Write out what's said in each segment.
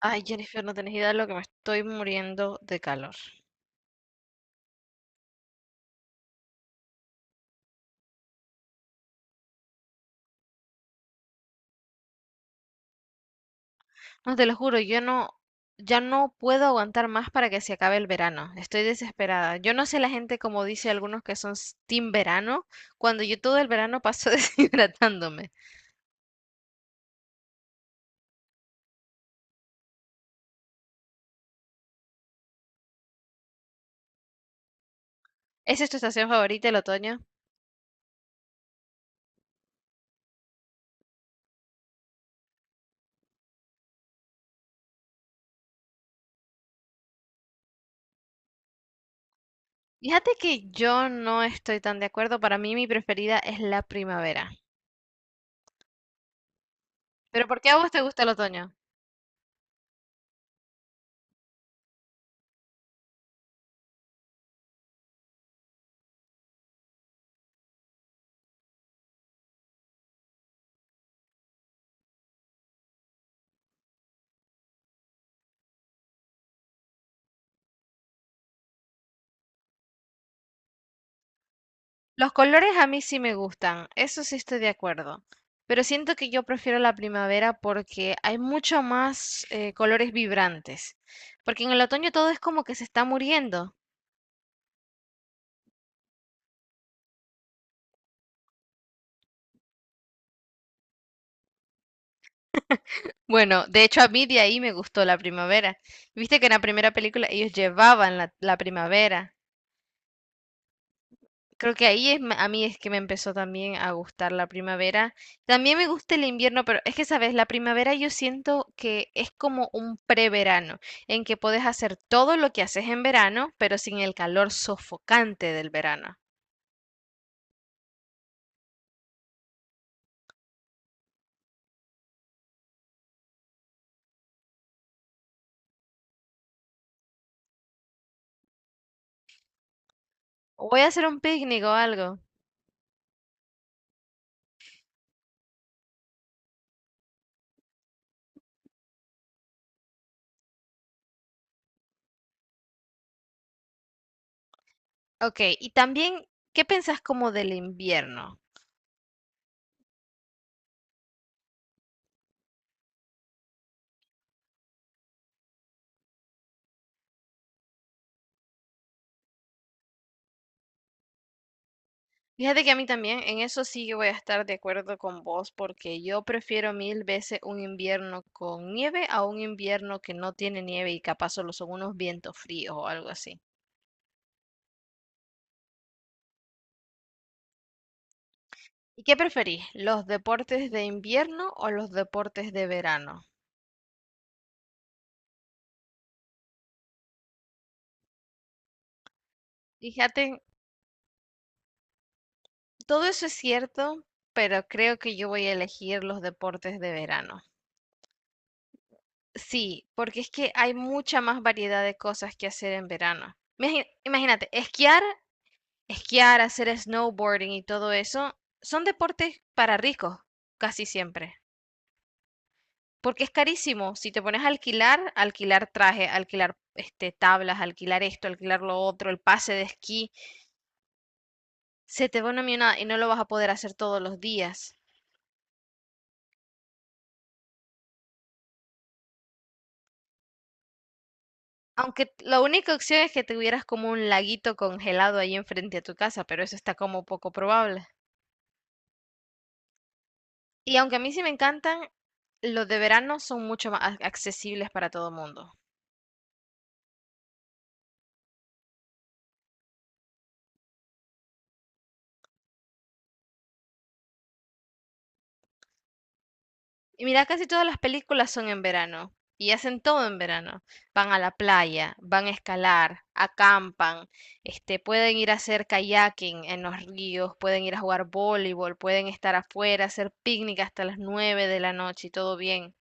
Ay, Jennifer, no tenés idea de lo que me estoy muriendo de calor. No te lo juro, yo no, ya no puedo aguantar más para que se acabe el verano. Estoy desesperada. Yo no sé la gente como dice algunos que son team verano, cuando yo todo el verano paso deshidratándome. ¿Esa es tu estación favorita, el otoño? Fíjate que yo no estoy tan de acuerdo. Para mí mi preferida es la primavera. ¿Pero por qué a vos te gusta el otoño? Los colores a mí sí me gustan, eso sí estoy de acuerdo, pero siento que yo prefiero la primavera porque hay mucho más colores vibrantes, porque en el otoño todo es como que se está muriendo. Bueno, de hecho a mí de ahí me gustó la primavera. Viste que en la primera película ellos llevaban la primavera. Creo que ahí es, a mí es que me empezó también a gustar la primavera. También me gusta el invierno, pero es que, sabes, la primavera yo siento que es como un preverano, en que puedes hacer todo lo que haces en verano, pero sin el calor sofocante del verano. O voy a hacer un picnic o algo. Ok, y también, ¿qué pensás como del invierno? Fíjate que a mí también, en eso sí que voy a estar de acuerdo con vos, porque yo prefiero mil veces un invierno con nieve a un invierno que no tiene nieve y capaz solo son unos vientos fríos o algo así. ¿Y qué preferís, los deportes de invierno o los deportes de verano? Fíjate, todo eso es cierto, pero creo que yo voy a elegir los deportes de verano. Sí, porque es que hay mucha más variedad de cosas que hacer en verano. Imagínate, esquiar. Esquiar, hacer snowboarding y todo eso son deportes para ricos, casi siempre. Porque es carísimo. Si te pones a alquilar, alquilar traje, alquilar este, tablas, alquilar esto, alquilar lo otro, el pase de esquí, se te va una millonada y no lo vas a poder hacer todos los días. Aunque la única opción es que tuvieras como un laguito congelado ahí enfrente a tu casa, pero eso está como poco probable. Y aunque a mí sí me encantan, los de verano son mucho más accesibles para todo el mundo. Y mira, casi todas las películas son en verano y hacen todo en verano. Van a la playa, van a escalar, acampan, este, pueden ir a hacer kayaking en los ríos, pueden ir a jugar voleibol, pueden estar afuera, hacer picnic hasta las 9 de la noche y todo bien.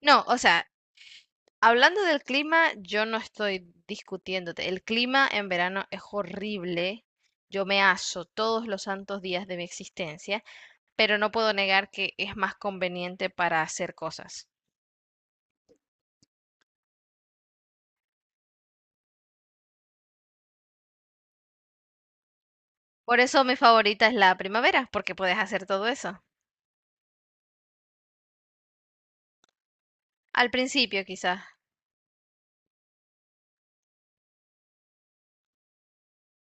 No, o sea, hablando del clima, yo no estoy discutiéndote. El clima en verano es horrible. Yo me aso todos los santos días de mi existencia, pero no puedo negar que es más conveniente para hacer cosas. Por eso mi favorita es la primavera, porque puedes hacer todo eso. Al principio, quizás.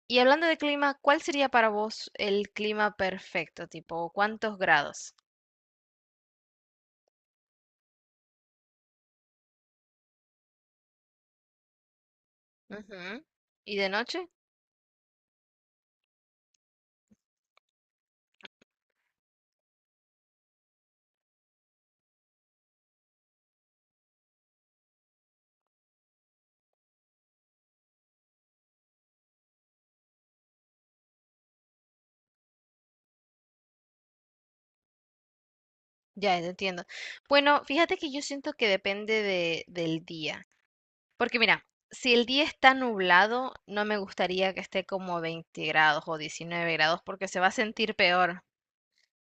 Y hablando de clima, ¿cuál sería para vos el clima perfecto? Tipo, ¿cuántos grados? Ujú. ¿Y de noche? Ya, ya entiendo. Bueno, fíjate que yo siento que depende de, del día. Porque mira, si el día está nublado, no me gustaría que esté como 20 grados o 19 grados, porque se va a sentir peor.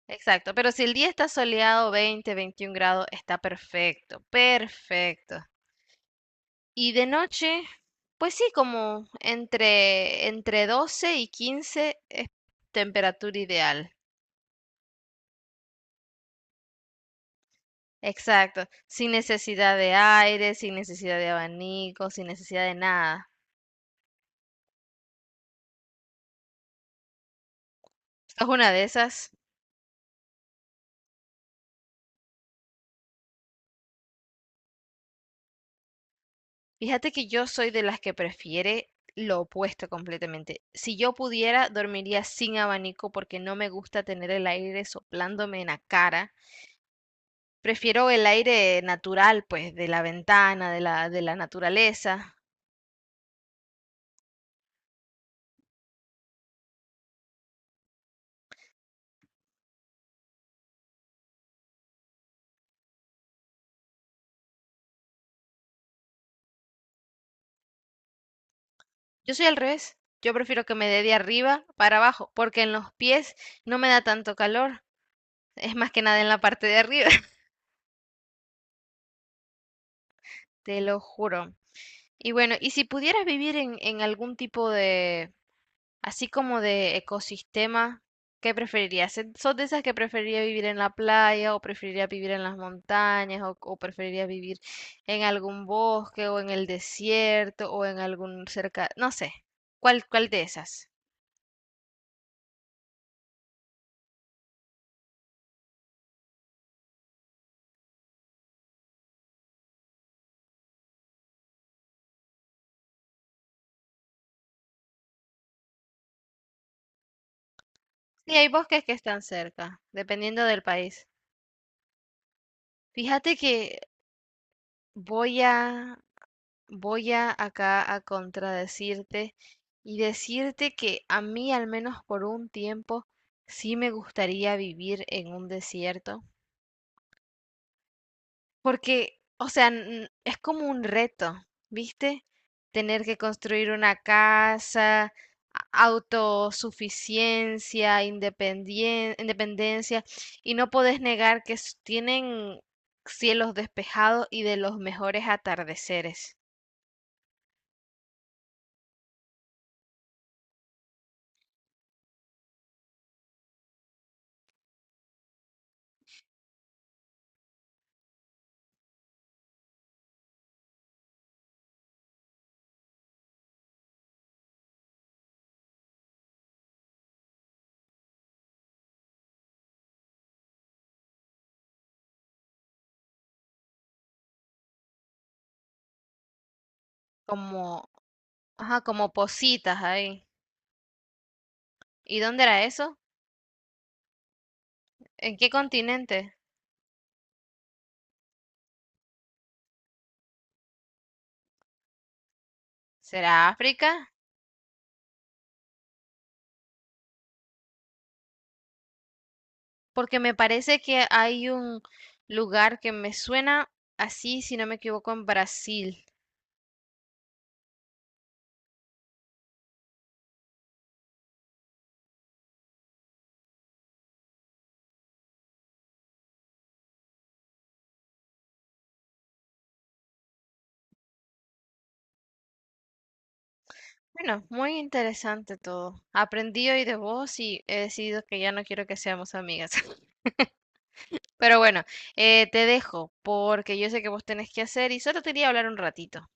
Exacto, pero si el día está soleado, 20, 21 grados, está perfecto, perfecto. Y de noche, pues sí, como entre, entre 12 y 15 es temperatura ideal. Exacto. Sin necesidad de aire, sin necesidad de abanico, sin necesidad de nada. Esta una de esas. Fíjate que yo soy de las que prefiere lo opuesto completamente. Si yo pudiera, dormiría sin abanico porque no me gusta tener el aire soplándome en la cara. Prefiero el aire natural, pues, de la ventana, de de la naturaleza. Yo soy al revés. Yo prefiero que me dé de arriba para abajo, porque en los pies no me da tanto calor. Es más que nada en la parte de arriba, te lo juro. Y bueno, y si pudieras vivir en algún tipo de, así como de ecosistema, ¿qué preferirías? ¿Eh, ¿Sos de esas que preferiría vivir en la playa o preferiría vivir en las montañas o preferiría vivir en algún bosque o en el desierto o en algún cerca, no sé, ¿cuál, cuál de esas? Sí, hay bosques que están cerca, dependiendo del país. Fíjate que voy a, voy a acá a contradecirte y decirte que a mí, al menos por un tiempo, sí me gustaría vivir en un desierto. Porque, o sea, es como un reto, ¿viste? Tener que construir una casa, autosuficiencia, independencia, y no podés negar que tienen cielos despejados y de los mejores atardeceres, como, ajá, como positas ahí. ¿Y dónde era eso? ¿En qué continente? ¿Será África? Porque me parece que hay un lugar que me suena así, si no me equivoco, en Brasil. Bueno, muy interesante todo. Aprendí hoy de vos y he decidido que ya no quiero que seamos amigas. Pero bueno, te dejo porque yo sé que vos tenés que hacer y solo te quería hablar un ratito.